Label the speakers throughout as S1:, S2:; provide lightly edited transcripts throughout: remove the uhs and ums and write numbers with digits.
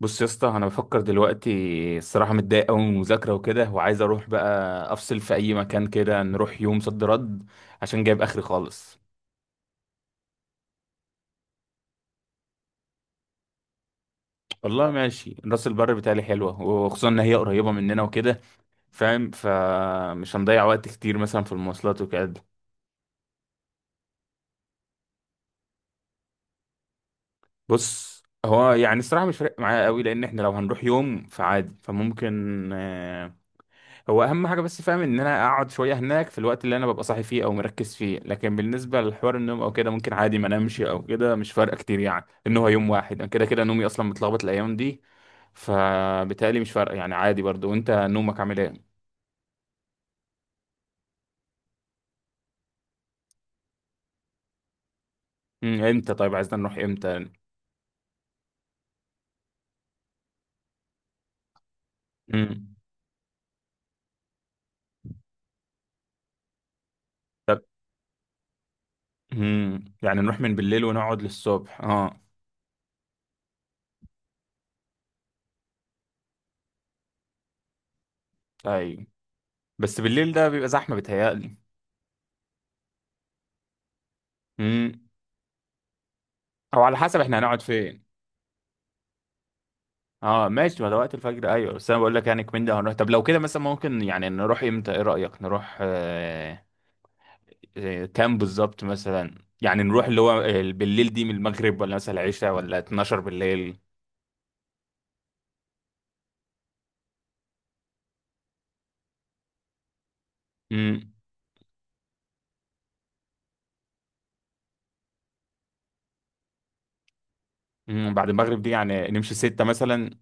S1: بص يا اسطى، انا بفكر دلوقتي. الصراحه متضايق قوي من المذاكره وكده، وعايز اروح بقى افصل في اي مكان كده. نروح يوم صد رد عشان جايب اخري خالص. والله ماشي، راس البر بتاعي حلوه، وخصوصا ان هي قريبه مننا وكده. فاهم؟ فمش هنضيع وقت كتير مثلا في المواصلات وكده. بص، هو يعني الصراحه مش فارق معايا قوي، لان احنا لو هنروح يوم فعادي، فممكن هو اهم حاجه. بس فاهم ان انا اقعد شويه هناك في الوقت اللي انا ببقى صاحي فيه او مركز فيه، لكن بالنسبه لحوار النوم او كده ممكن عادي ما انامش او كده، مش فارقه كتير يعني. ان هو يوم واحد، انا كده كده نومي اصلا متلخبط الايام دي، فبالتالي مش فارقه يعني، عادي برضو. وانت نومك عامل ايه؟ امتى؟ طيب عايزنا نروح امتى؟ امم يعني نروح من بالليل ونقعد للصبح، اه. طيب، بس بالليل ده بيبقى زحمه بيتهيألي. امم. او على حسب احنا هنقعد فين. اه ماشي، ما ده وقت الفجر ايوه، بس انا بقول لك يعني كمان ده هنروح. طب لو كده مثلا ممكن يعني نروح امتى؟ ايه رأيك؟ نروح كام بالظبط مثلا؟ يعني نروح اللي هو بالليل دي من المغرب ولا مثلا العشاء ولا 12 بالليل؟ امم. بعد المغرب دي يعني نمشي 6 مثلا.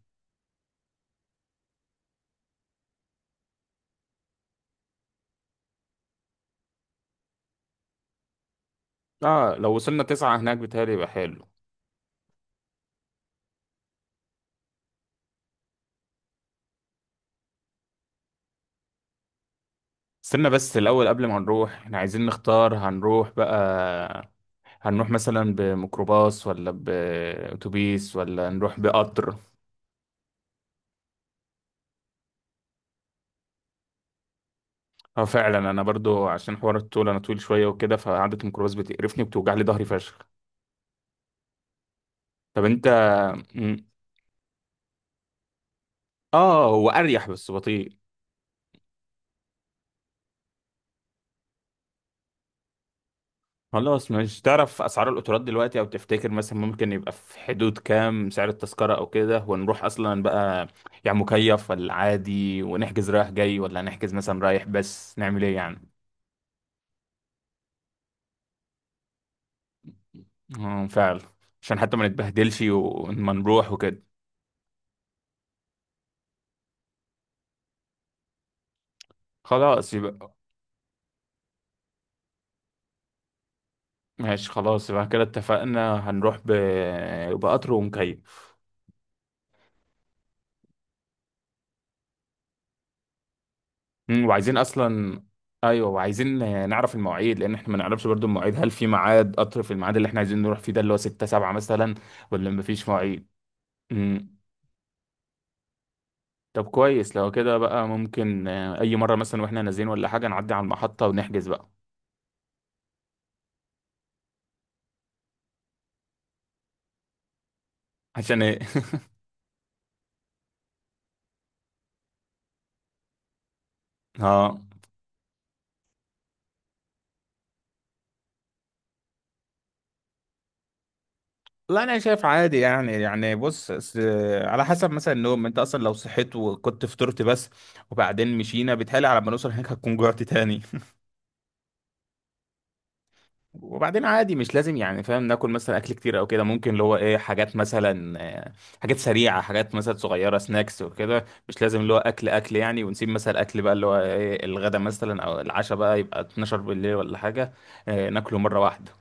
S1: اه لو وصلنا 9 هناك بيتهيألي يبقى حلو. استنى بس الأول، قبل ما نروح احنا عايزين نختار هنروح بقى. هنروح مثلا بميكروباص، ولا بأتوبيس، ولا نروح بقطر؟ اه فعلا، انا برضو عشان حوار الطول انا طويل شويه وكده، فقعده الميكروباص بتقرفني وبتوجع لي ظهري فشخ. طب انت؟ مم. اه، هو اريح بس بطيء. خلاص. مش تعرف اسعار القطارات دلوقتي، او تفتكر مثلا ممكن يبقى في حدود كام سعر التذكره او كده، ونروح اصلا بقى؟ يعني مكيف ولا عادي، ونحجز رايح جاي ولا هنحجز مثلا رايح بس؟ نعمل ايه يعني؟ اه فعلا، عشان حتى ما نتبهدلش وما نروح وكده. خلاص يبقى. ماشي، خلاص يبقى كده، اتفقنا هنروح بقطر ومكيف. وعايزين اصلا. ايوه، وعايزين نعرف المواعيد، لان احنا ما نعرفش برضو المواعيد. هل في ميعاد قطر في الميعاد اللي احنا عايزين نروح فيه، ده اللي هو 6 7 مثلا، ولا مفيش مواعيد؟ مم. طب كويس. لو كده بقى ممكن اي مره مثلا واحنا نازلين ولا حاجه نعدي على المحطه ونحجز بقى. عشان ايه؟ اه، لا انا شايف عادي يعني. بص على حسب مثلا النوم. انت اصلا لو صحيت وكنت فطرت بس وبعدين مشينا، بيتهيألي على ما نوصل هناك هتكون جوعت تاني. وبعدين عادي مش لازم يعني فاهم ناكل مثلا اكل كتير او كده. ممكن اللي هو ايه، حاجات مثلا آه، حاجات سريعه، حاجات مثلا صغيره، سناكس وكده. مش لازم اللي هو اكل اكل يعني. ونسيب مثلا اكل بقى اللي هو ايه الغدا مثلا او العشاء بقى يبقى 12 بالليل ولا حاجه، ناكله مره واحده.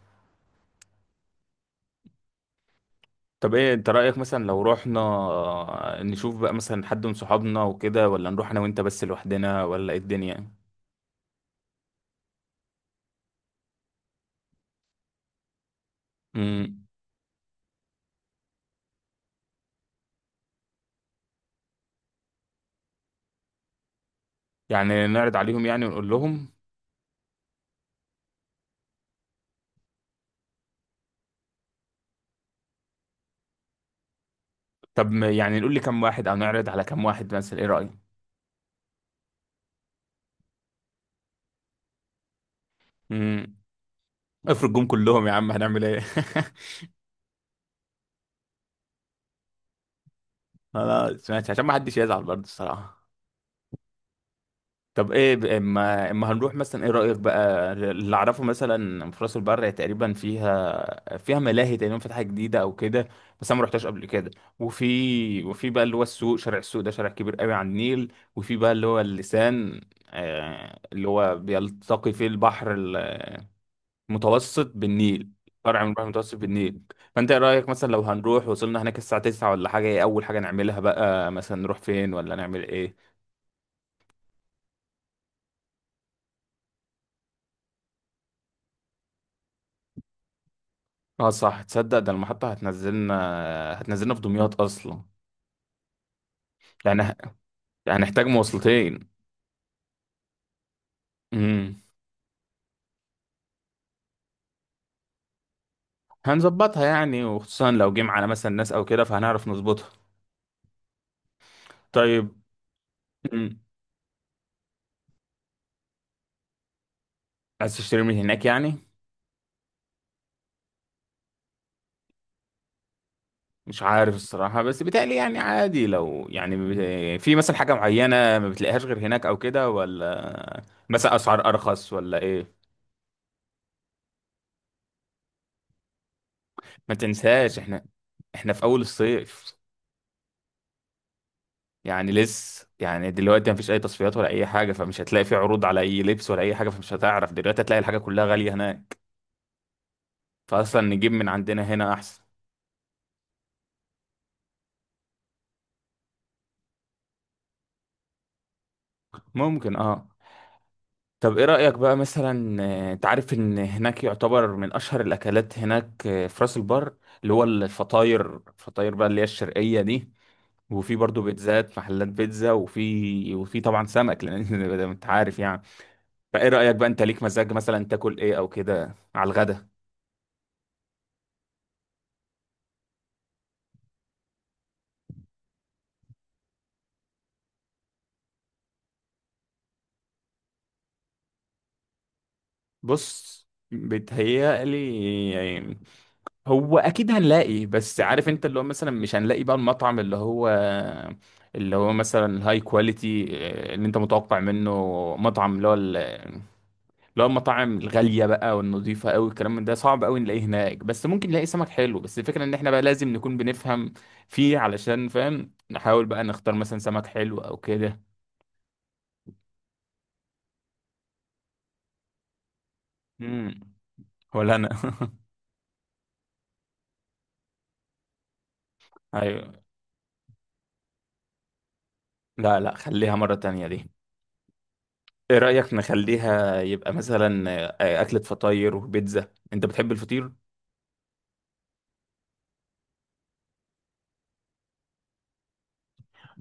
S1: طب ايه انت رأيك مثلا لو رحنا نشوف بقى مثلا حد من صحابنا وكده، ولا نروح انا وانت بس لوحدنا، ولا ايه الدنيا؟ امم. يعني نعرض عليهم يعني ونقول لهم. طب يعني نقول لكم واحد او نعرض على كم واحد مثلا؟ ايه رأيك؟ امم. افرض جم كلهم يا عم، هنعمل ايه؟ خلاص ماشي، عشان ما حدش يزعل برضه الصراحة. طب ايه اما اما هنروح مثلا ايه رأيك بقى؟ اللي اعرفه مثلا في راس البر تقريبا فيها ملاهي تقريبا فاتحة جديدة او كده، بس انا ما رحتهاش قبل كده. وفي بقى اللي هو السوق، شارع السوق ده شارع كبير قوي على النيل. وفي بقى اللي هو اللسان، اللي هو بيلتقي فيه البحر المتوسط بالنيل، فرع من البحر المتوسط بالنيل. فانت ايه رأيك مثلا؟ لو هنروح وصلنا هناك الساعة 9 ولا حاجة، ايه اول حاجة نعملها بقى؟ مثلا نروح فين، ولا نعمل ايه؟ اه صح، تصدق ده المحطة هتنزلنا في دمياط أصلا. يعني يعني هنحتاج مواصلتين. امم. هنظبطها يعني، وخصوصا لو جيم على مثلا ناس أو كده فهنعرف نظبطها. طيب. امم. عايز تشتري من هناك يعني؟ مش عارف الصراحة، بس بيتهيألي يعني عادي. لو يعني في مثلا حاجة معينة ما بتلاقيهاش غير هناك أو كده، ولا مثلا أسعار أرخص ولا إيه؟ ما تنساش، إحنا في أول الصيف. يعني لسه يعني دلوقتي مفيش اي تصفيات ولا اي حاجه. فمش هتلاقي في عروض على اي لبس ولا اي حاجه، فمش هتعرف. دلوقتي هتلاقي الحاجه كلها غاليه هناك، فاصلا نجيب من عندنا هنا احسن. ممكن، اه. طب ايه رايك بقى مثلا انت عارف ان هناك يعتبر من اشهر الاكلات هناك في راس البر، اللي هو الفطاير بقى اللي هي الشرقيه دي. وفي برضو بيتزات، محلات بيتزا. وفي طبعا سمك لان انت عارف يعني. فايه رايك بقى؟ انت ليك مزاج مثلا تاكل ايه او كده على الغدا؟ بص، بيتهيألي يعني هو أكيد هنلاقي. بس عارف أنت اللي هو مثلا مش هنلاقي بقى المطعم اللي هو مثلا هاي كواليتي اللي أنت متوقع منه. مطعم اللي هو اللي هو المطاعم الغالية بقى والنظيفة أوي، الكلام من ده صعب أوي نلاقيه هناك. بس ممكن نلاقي سمك حلو، بس الفكرة إن إحنا بقى لازم نكون بنفهم فيه علشان فاهم، نحاول بقى نختار مثلا سمك حلو أو كده. مم. ولا أنا. أيوه. لا لا، خليها مرة تانية دي. ايه رأيك نخليها يبقى مثلا أكلة فطاير وبيتزا؟ انت بتحب الفطير؟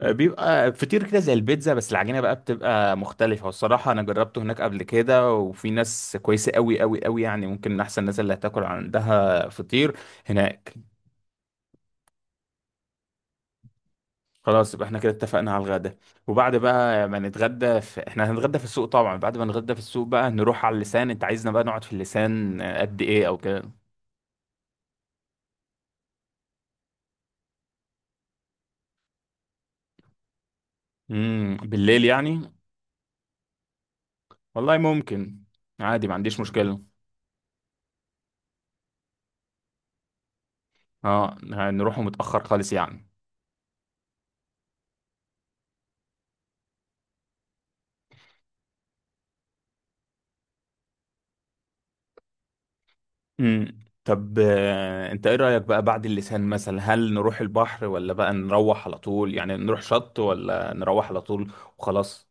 S1: بيبقى فطير كده زي البيتزا بس العجينة بقى بتبقى مختلفة. والصراحة انا جربته هناك قبل كده، وفي ناس كويسة قوي قوي قوي يعني، ممكن من احسن الناس اللي هتاكل عندها فطير هناك. خلاص يبقى احنا كده اتفقنا على الغدا. وبعد بقى ما نتغدى احنا هنتغدى في السوق طبعا. بعد ما نتغدى في السوق، بقى نروح على اللسان. انت عايزنا بقى نقعد في اللسان قد ايه او كده؟ بالليل يعني؟ والله، ممكن. عادي ما عنديش مشكلة. اه، هنروحوا متأخر خالص يعني. طب انت ايه رأيك بقى بعد اللسان مثلا؟ هل نروح البحر، ولا بقى نروح على طول؟ يعني نروح شط، ولا نروح على طول وخلاص؟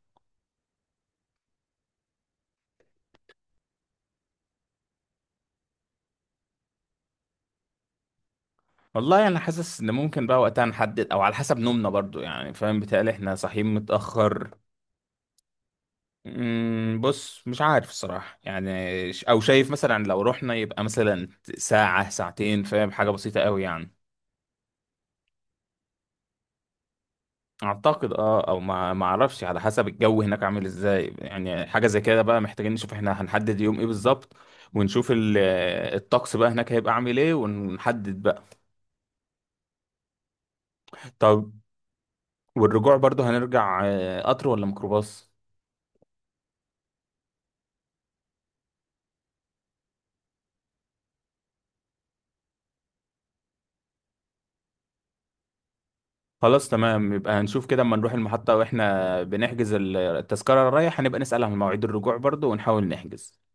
S1: والله، انا حاسس ان ممكن بقى وقتها نحدد، او على حسب نومنا برضو يعني. فاهم؟ بيتهيألي احنا صاحيين متأخر. بص مش عارف الصراحة يعني او شايف مثلا، لو رحنا يبقى مثلا ساعة ساعتين، فاهم؟ حاجة بسيطة قوي يعني. اعتقد او ما اعرفش. على حسب الجو هناك عامل ازاي يعني. حاجه زي كده بقى محتاجين نشوف احنا هنحدد يوم ايه بالظبط، ونشوف الطقس بقى هناك هيبقى عامل ايه، ونحدد بقى. طب، والرجوع برضو هنرجع قطر ولا ميكروباص؟ خلاص تمام، يبقى هنشوف كده اما نروح المحطه واحنا بنحجز التذكره الرايح، هنبقى نسال عن مواعيد الرجوع برضو ونحاول نحجز.